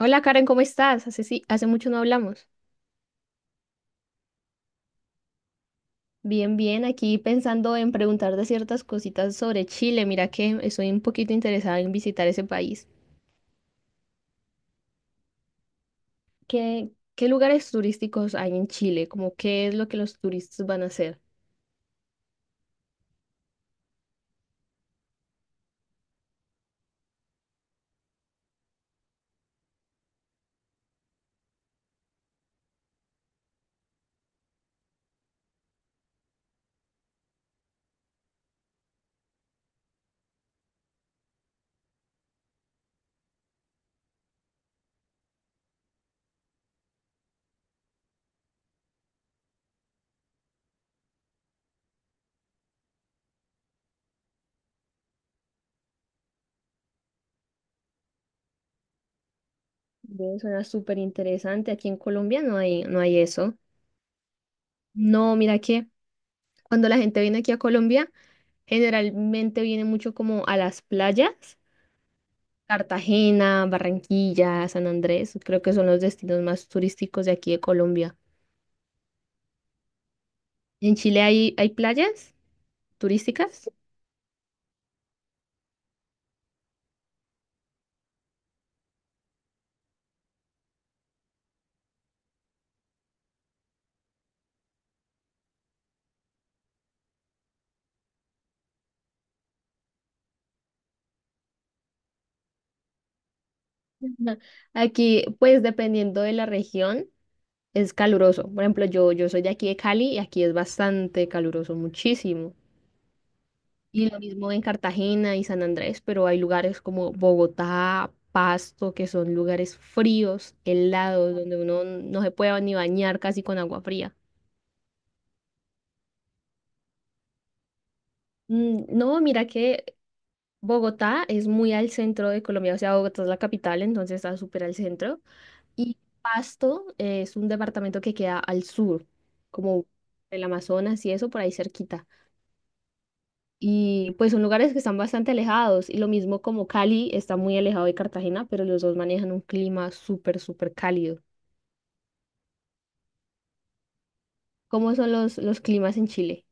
Hola Karen, ¿cómo estás? Hace mucho no hablamos. Bien, bien, aquí pensando en preguntar de ciertas cositas sobre Chile. Mira que estoy un poquito interesada en visitar ese país. ¿Qué, ¿Qué lugares turísticos hay en Chile? ¿Como qué es lo que los turistas van a hacer? Ve, suena súper interesante. Aquí en Colombia no hay eso. No, mira que cuando la gente viene aquí a Colombia, generalmente viene mucho como a las playas: Cartagena, Barranquilla, San Andrés, creo que son los destinos más turísticos de aquí de Colombia. ¿En Chile hay playas turísticas? Ujú. Aquí, pues dependiendo de la región, es caluroso. Por ejemplo, yo soy de aquí de Cali y aquí es bastante caluroso, muchísimo. Y lo mismo en Cartagena y San Andrés, pero hay lugares como Bogotá, Pasto, que son lugares fríos, helados, donde uno no se puede ni bañar casi con agua fría. No, mira que Bogotá es muy al centro de Colombia, o sea, Bogotá es la capital, entonces está súper al centro. Y Pasto es un departamento que queda al sur, como el Amazonas y eso, por ahí cerquita. Y pues son lugares que están bastante alejados. Y lo mismo, como Cali está muy alejado de Cartagena, pero los dos manejan un clima súper, súper cálido. ¿Cómo son los climas en Chile?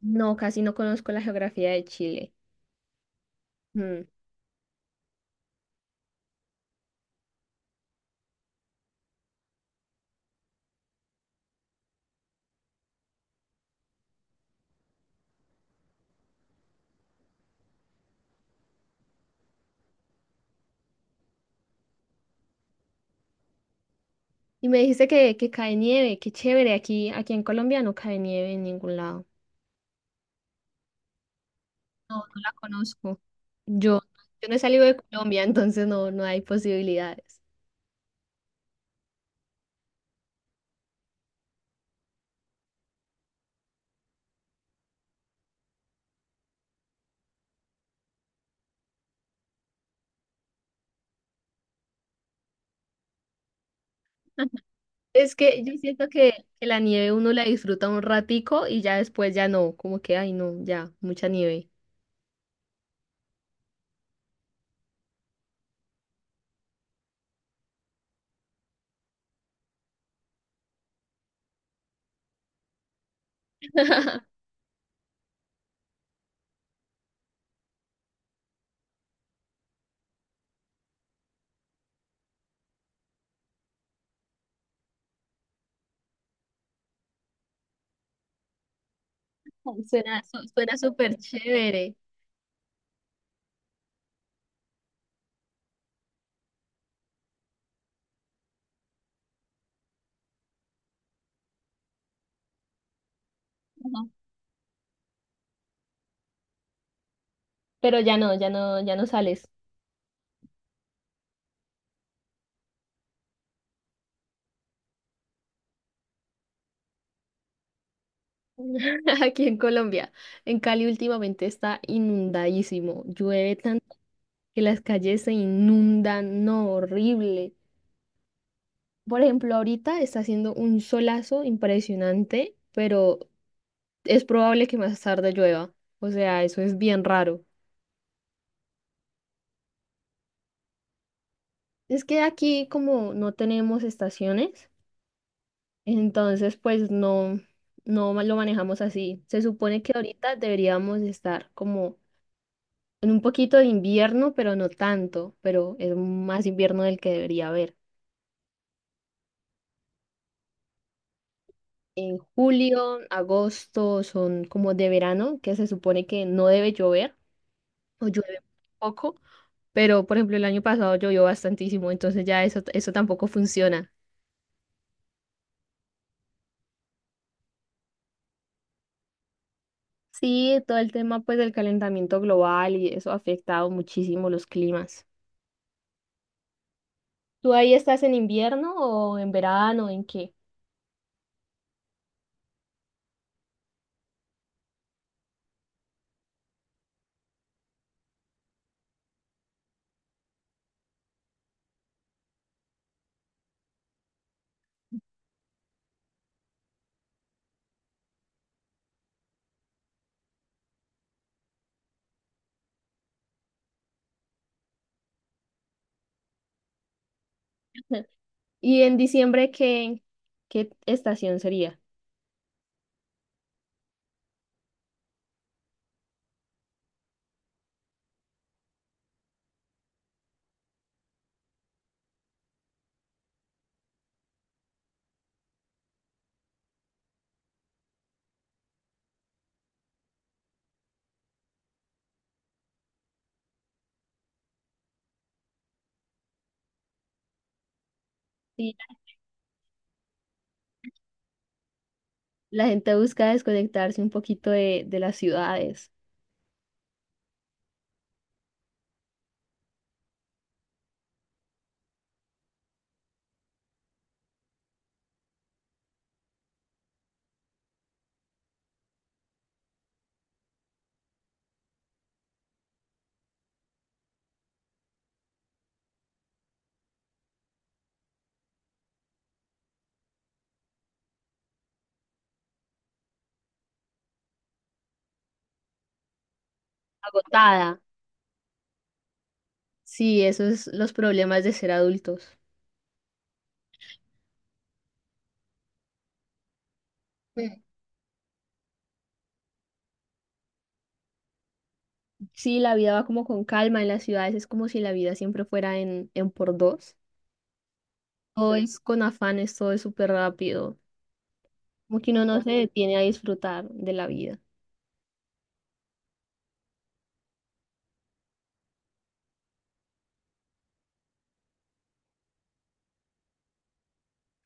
No, casi no conozco la geografía de Chile. Mm. Y me dijiste que cae nieve, qué chévere, aquí en Colombia no cae nieve en ningún lado. No, no la conozco. Yo, yo no he salido de Colombia, entonces no, no hay posibilidades. Es que yo siento que la nieve uno la disfruta un ratico y ya después ya no, como que, ay no, ya, mucha nieve. Ay, suena súper chévere. Ajá. Pero ya no, ya no, ya no sales. Aquí en Colombia, en Cali últimamente está inundadísimo. Llueve tanto que las calles se inundan, no, horrible. Por ejemplo, ahorita está haciendo un solazo impresionante, pero es probable que más tarde llueva. O sea, eso es bien raro. Es que aquí como no tenemos estaciones, entonces pues no, no ma- lo manejamos así. Se supone que ahorita deberíamos estar como en un poquito de invierno, pero no tanto, pero es más invierno del que debería haber. En julio, agosto son como de verano, que se supone que no debe llover o llueve poco. Pero, por ejemplo, el año pasado llovió bastantísimo, entonces ya eso tampoco funciona. Sí, todo el tema pues del calentamiento global y eso ha afectado muchísimo los climas. ¿Tú ahí estás en invierno o en verano, en qué? Y en diciembre, ¿qué estación sería? Sí, la gente busca desconectarse un poquito de las ciudades. Agotada. Sí, eso es los problemas de ser adultos. Mm. Sí, la vida va como con calma en las ciudades, es como si la vida siempre fuera en por dos. Todo es con afanes, todo es súper rápido. Como que uno no se detiene a disfrutar de la vida.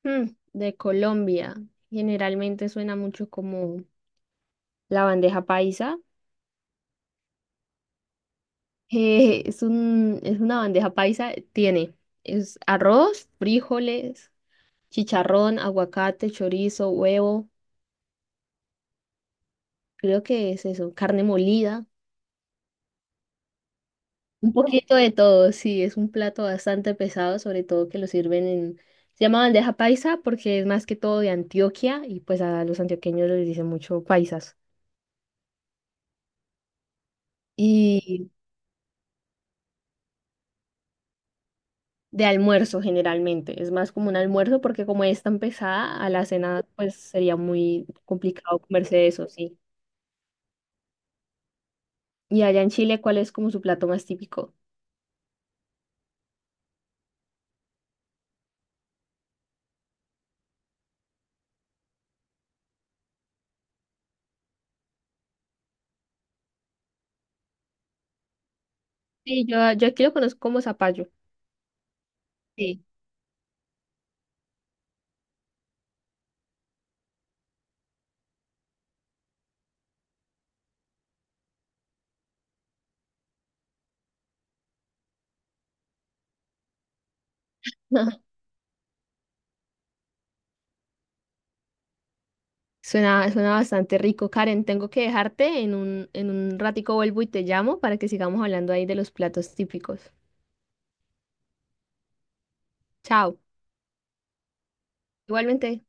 Mm, de Colombia, generalmente suena mucho como la bandeja paisa. Es una bandeja paisa, tiene es arroz, frijoles, chicharrón, aguacate, chorizo, huevo, creo que es eso, carne molida. Un poquito de todo, sí, es un plato bastante pesado, sobre todo que lo sirven en... Se llama bandeja paisa porque es más que todo de Antioquia y pues a los antioqueños les dicen mucho paisas. Y de almuerzo generalmente, es más como un almuerzo porque como es tan pesada, a la cena pues sería muy complicado comerse eso, sí. Y allá en Chile, ¿cuál es como su plato más típico? Sí, yo aquí lo conozco como zapallo. Sí. Suena bastante rico. Karen, tengo que dejarte. En un ratico vuelvo y te llamo para que sigamos hablando ahí de los platos típicos. Chao. Igualmente.